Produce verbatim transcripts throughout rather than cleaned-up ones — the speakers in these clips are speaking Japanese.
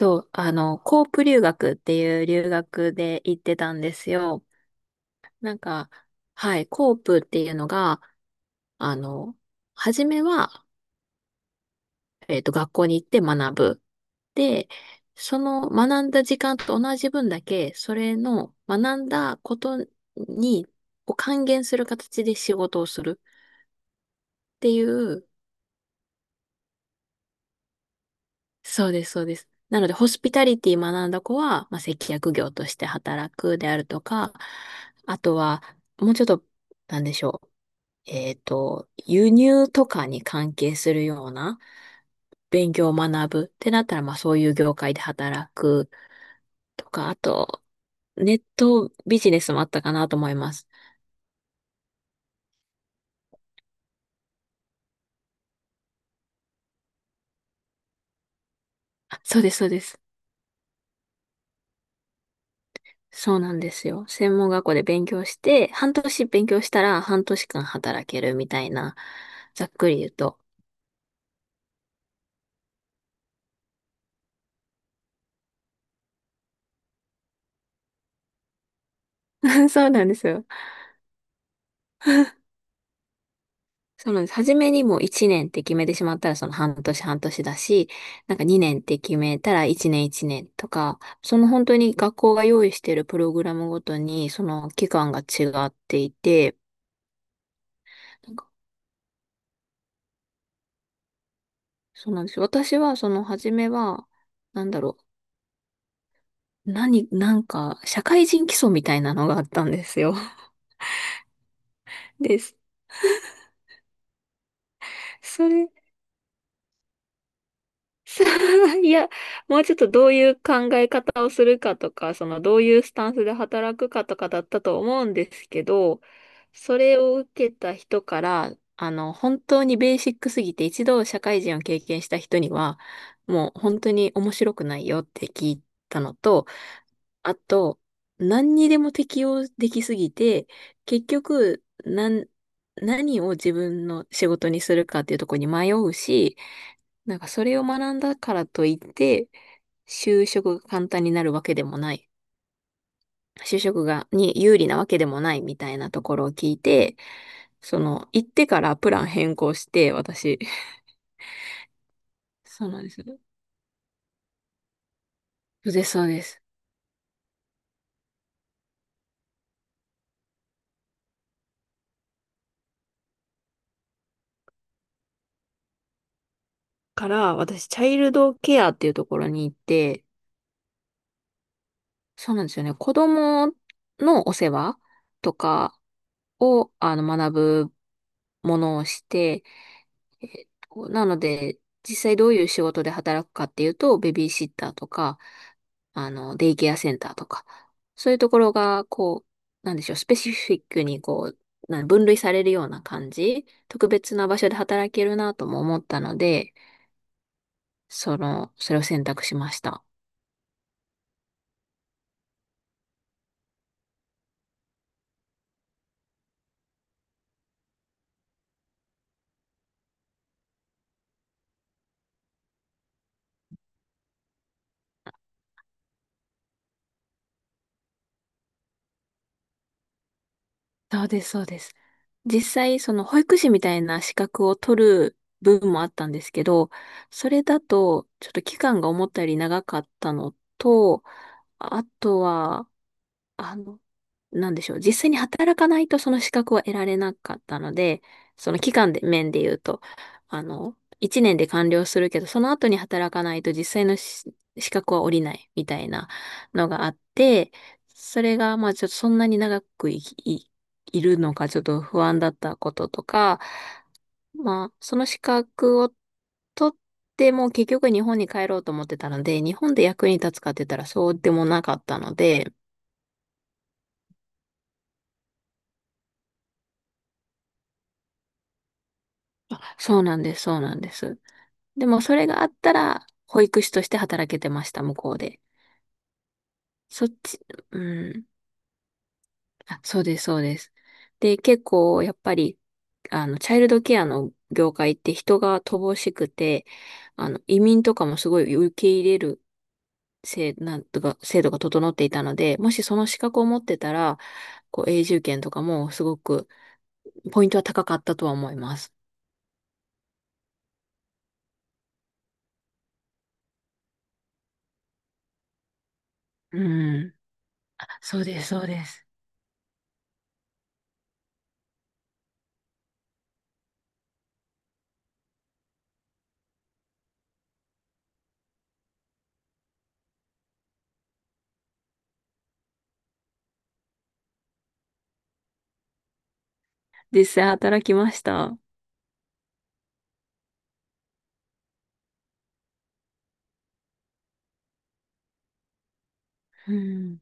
そう、あの、コープ留学っていう留学で行ってたんですよ。なんか、はい、コープっていうのが、あの、初めは、えっと、学校に行って学ぶ。で、その学んだ時間と同じ分だけ、それの学んだことに、を還元する形で仕事をするっていう、そうです、そうです。なので、ホスピタリティ学んだ子は、まあ、接客業として働くであるとか、あとは、もうちょっと、なんでしょう。えっと、輸入とかに関係するような勉強を学ぶってなったら、まあ、そういう業界で働くとか、あと、ネットビジネスもあったかなと思います。あそうです、そうです。そうなんですよ。専門学校で勉強して、半年勉強したら半年間働けるみたいな、ざっくり言うと。そうなんですよ。そうなんです。初めにもういちねんって決めてしまったらその半年半年だし、なんかにねんって決めたらいちねんいちねんとか、その本当に学校が用意しているプログラムごとにその期間が違っていて、なんかそうなんですよ。私はその初めは、なんだろう、何、なんか社会人基礎みたいなのがあったんですよ。です。それ いや、もうちょっとどういう考え方をするかとか、そのどういうスタンスで働くかとかだったと思うんですけど、それを受けた人から、あの、本当にベーシックすぎて一度社会人を経験した人には、もう本当に面白くないよって聞いたのと、あと、何にでも適用できすぎて、結局、なん、何を自分の仕事にするかっていうところに迷うし、なんかそれを学んだからといって、就職が簡単になるわけでもない。就職が、に有利なわけでもないみたいなところを聞いて、その、行ってからプラン変更して、私。そうなんです。そうです、そうです。から、私、チャイルドケアっていうところに行って、そうなんですよね。子供のお世話とかを、あの、学ぶものをして、えっと、なので、実際どういう仕事で働くかっていうと、ベビーシッターとか、あの、デイケアセンターとか、そういうところが、こう、なんでしょう、スペシフィックにこう、な分類されるような感じ、特別な場所で働けるなとも思ったので、その、それを選択しました。そうです、そうです。実際、その保育士みたいな資格を取る部分もあったんですけど、それだと、ちょっと期間が思ったより長かったのと、あとは、あの、なんでしょう。実際に働かないとその資格は得られなかったので、その期間で、面で言うと、あの、いちねんで完了するけど、その後に働かないと実際のし資格は下りないみたいなのがあって、それが、まあちょっとそんなに長くい、い、いるのかちょっと不安だったこととか、まあ、その資格を取っても結局日本に帰ろうと思ってたので、日本で役に立つかって言ったらそうでもなかったので、あそうなんです、そうなんです。でもそれがあったら、保育士として働けてました、向こうで。そっち、うん、あ、そうです、そうです。で、結構やっぱり、あの、チャイルドケアの業界って人が乏しくて、あの、移民とかもすごい受け入れる制、なんとか、制度が整っていたので、もしその資格を持ってたら、こう、永住権とかもすごく、ポイントは高かったとは思います。うん。そうです、そうです。実際働きました。うん。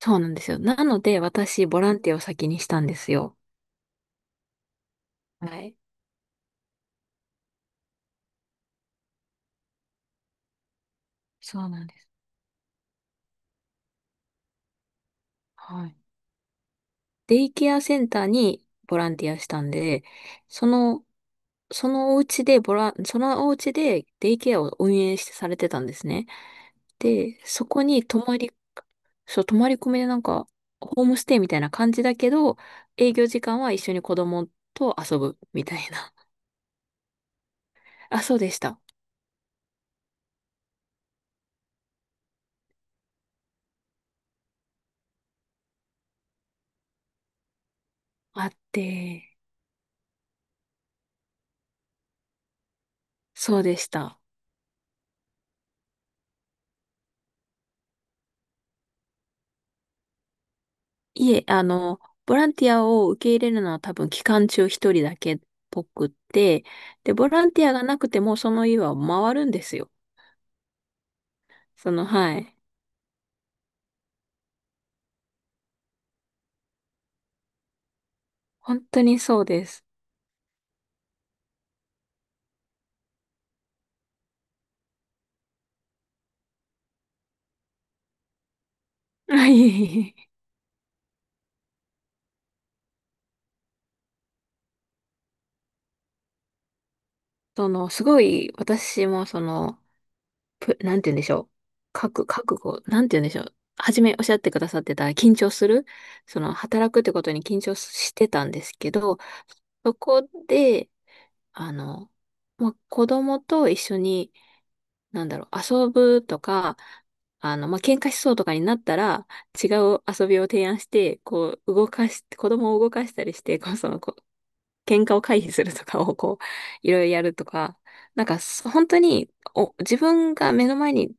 そうなんですよ。なので、私、ボランティアを先にしたんですよ。はい。そうなんです。はい。デイケアセンターにボランティアしたんで、その、そのお家でボラン、そのお家でデイケアを運営してされてたんですね。で、そこに泊まり、そう、泊まり込みでなんか、ホームステイみたいな感じだけど、営業時間は一緒に子供と遊ぶみたいな。あ、そうでした。あって、そうでした。いえ、あの、ボランティアを受け入れるのは多分期間中一人だけっぽくって、で、ボランティアがなくてもその家は回るんですよ。その、はい。本当にそうです。はい。その、すごい、私もその、ぷなんて言うんでしょう。覚、覚悟、なんて言うんでしょう。初めおっしゃってくださってた緊張する、その、働くってことに緊張してたんですけど、そこで、あの、まあ、子供と一緒に、なんだろう、遊ぶとか、あの、まあ、喧嘩しそうとかになったら、違う遊びを提案して、こう、動かし、子供を動かしたりして、こう、その、こう、喧嘩を回避するとかを、こう、いろいろやるとか、なんか、そ本当に、お、自分が目の前に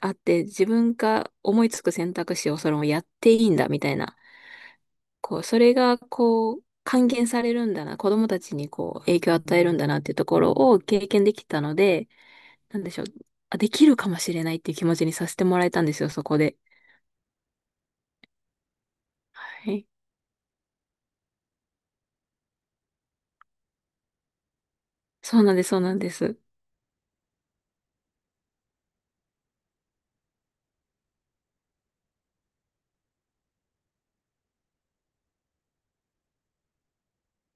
あって、自分が思いつく選択肢をそれをやっていいんだ、みたいな、こう、それが、こう、還元されるんだな、子供たちに、こう、影響を与えるんだなっていうところを経験できたので、なんでしょう。あ、できるかもしれないっていう気持ちにさせてもらえたんですよ、そこで。はい。そうなんです、そうなんです。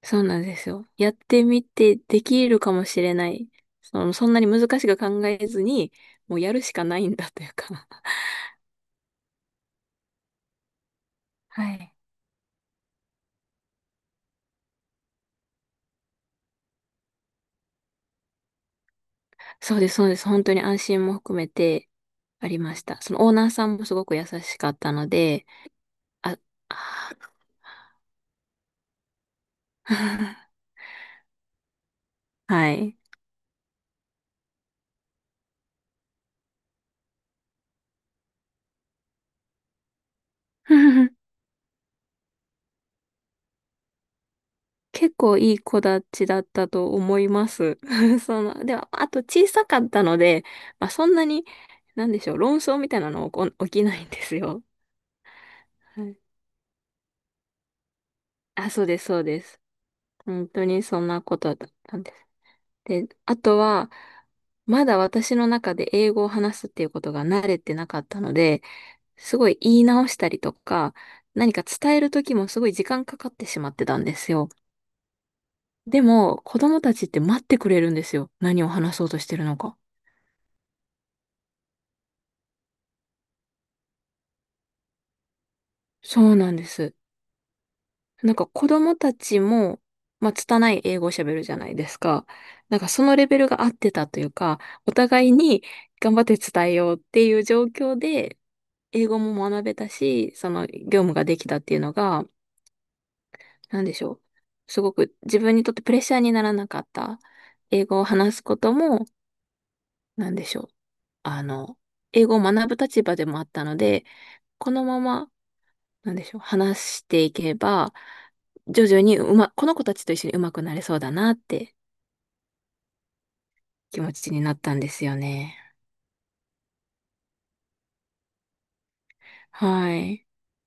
そうなんですよ。やってみてできるかもしれない。その、そんなに難しく考えずに、もうやるしかないんだというか。はい。そうです、そうです。本当に安心も含めてありました。そのオーナーさんもすごく優しかったので、あ、あー はい。結構いい子たちだったと思います。その、では、あと小さかったので、まあ、そんなに、なんでしょう、論争みたいなの起こ起きないんですよ。はい。あ、そうです、そうです。本当にそんなことだったんです。で、あとは、まだ私の中で英語を話すっていうことが慣れてなかったので、すごい言い直したりとか、何か伝える時もすごい時間かかってしまってたんですよ。でも、子供たちって待ってくれるんですよ。何を話そうとしてるのか。そうなんです。なんか子供たちも、まあ、拙い英語を喋るじゃないですか。なんかそのレベルが合ってたというか、お互いに頑張って伝えようっていう状況で、英語も学べたし、その業務ができたっていうのが、なんでしょう。すごく自分にとってプレッシャーにならなかった。英語を話すことも、なんでしょう。あの、英語を学ぶ立場でもあったので、このままなんでしょう、話していけば、徐々にうま、この子たちと一緒にうまくなれそうだなって気持ちになったんですよね。はい。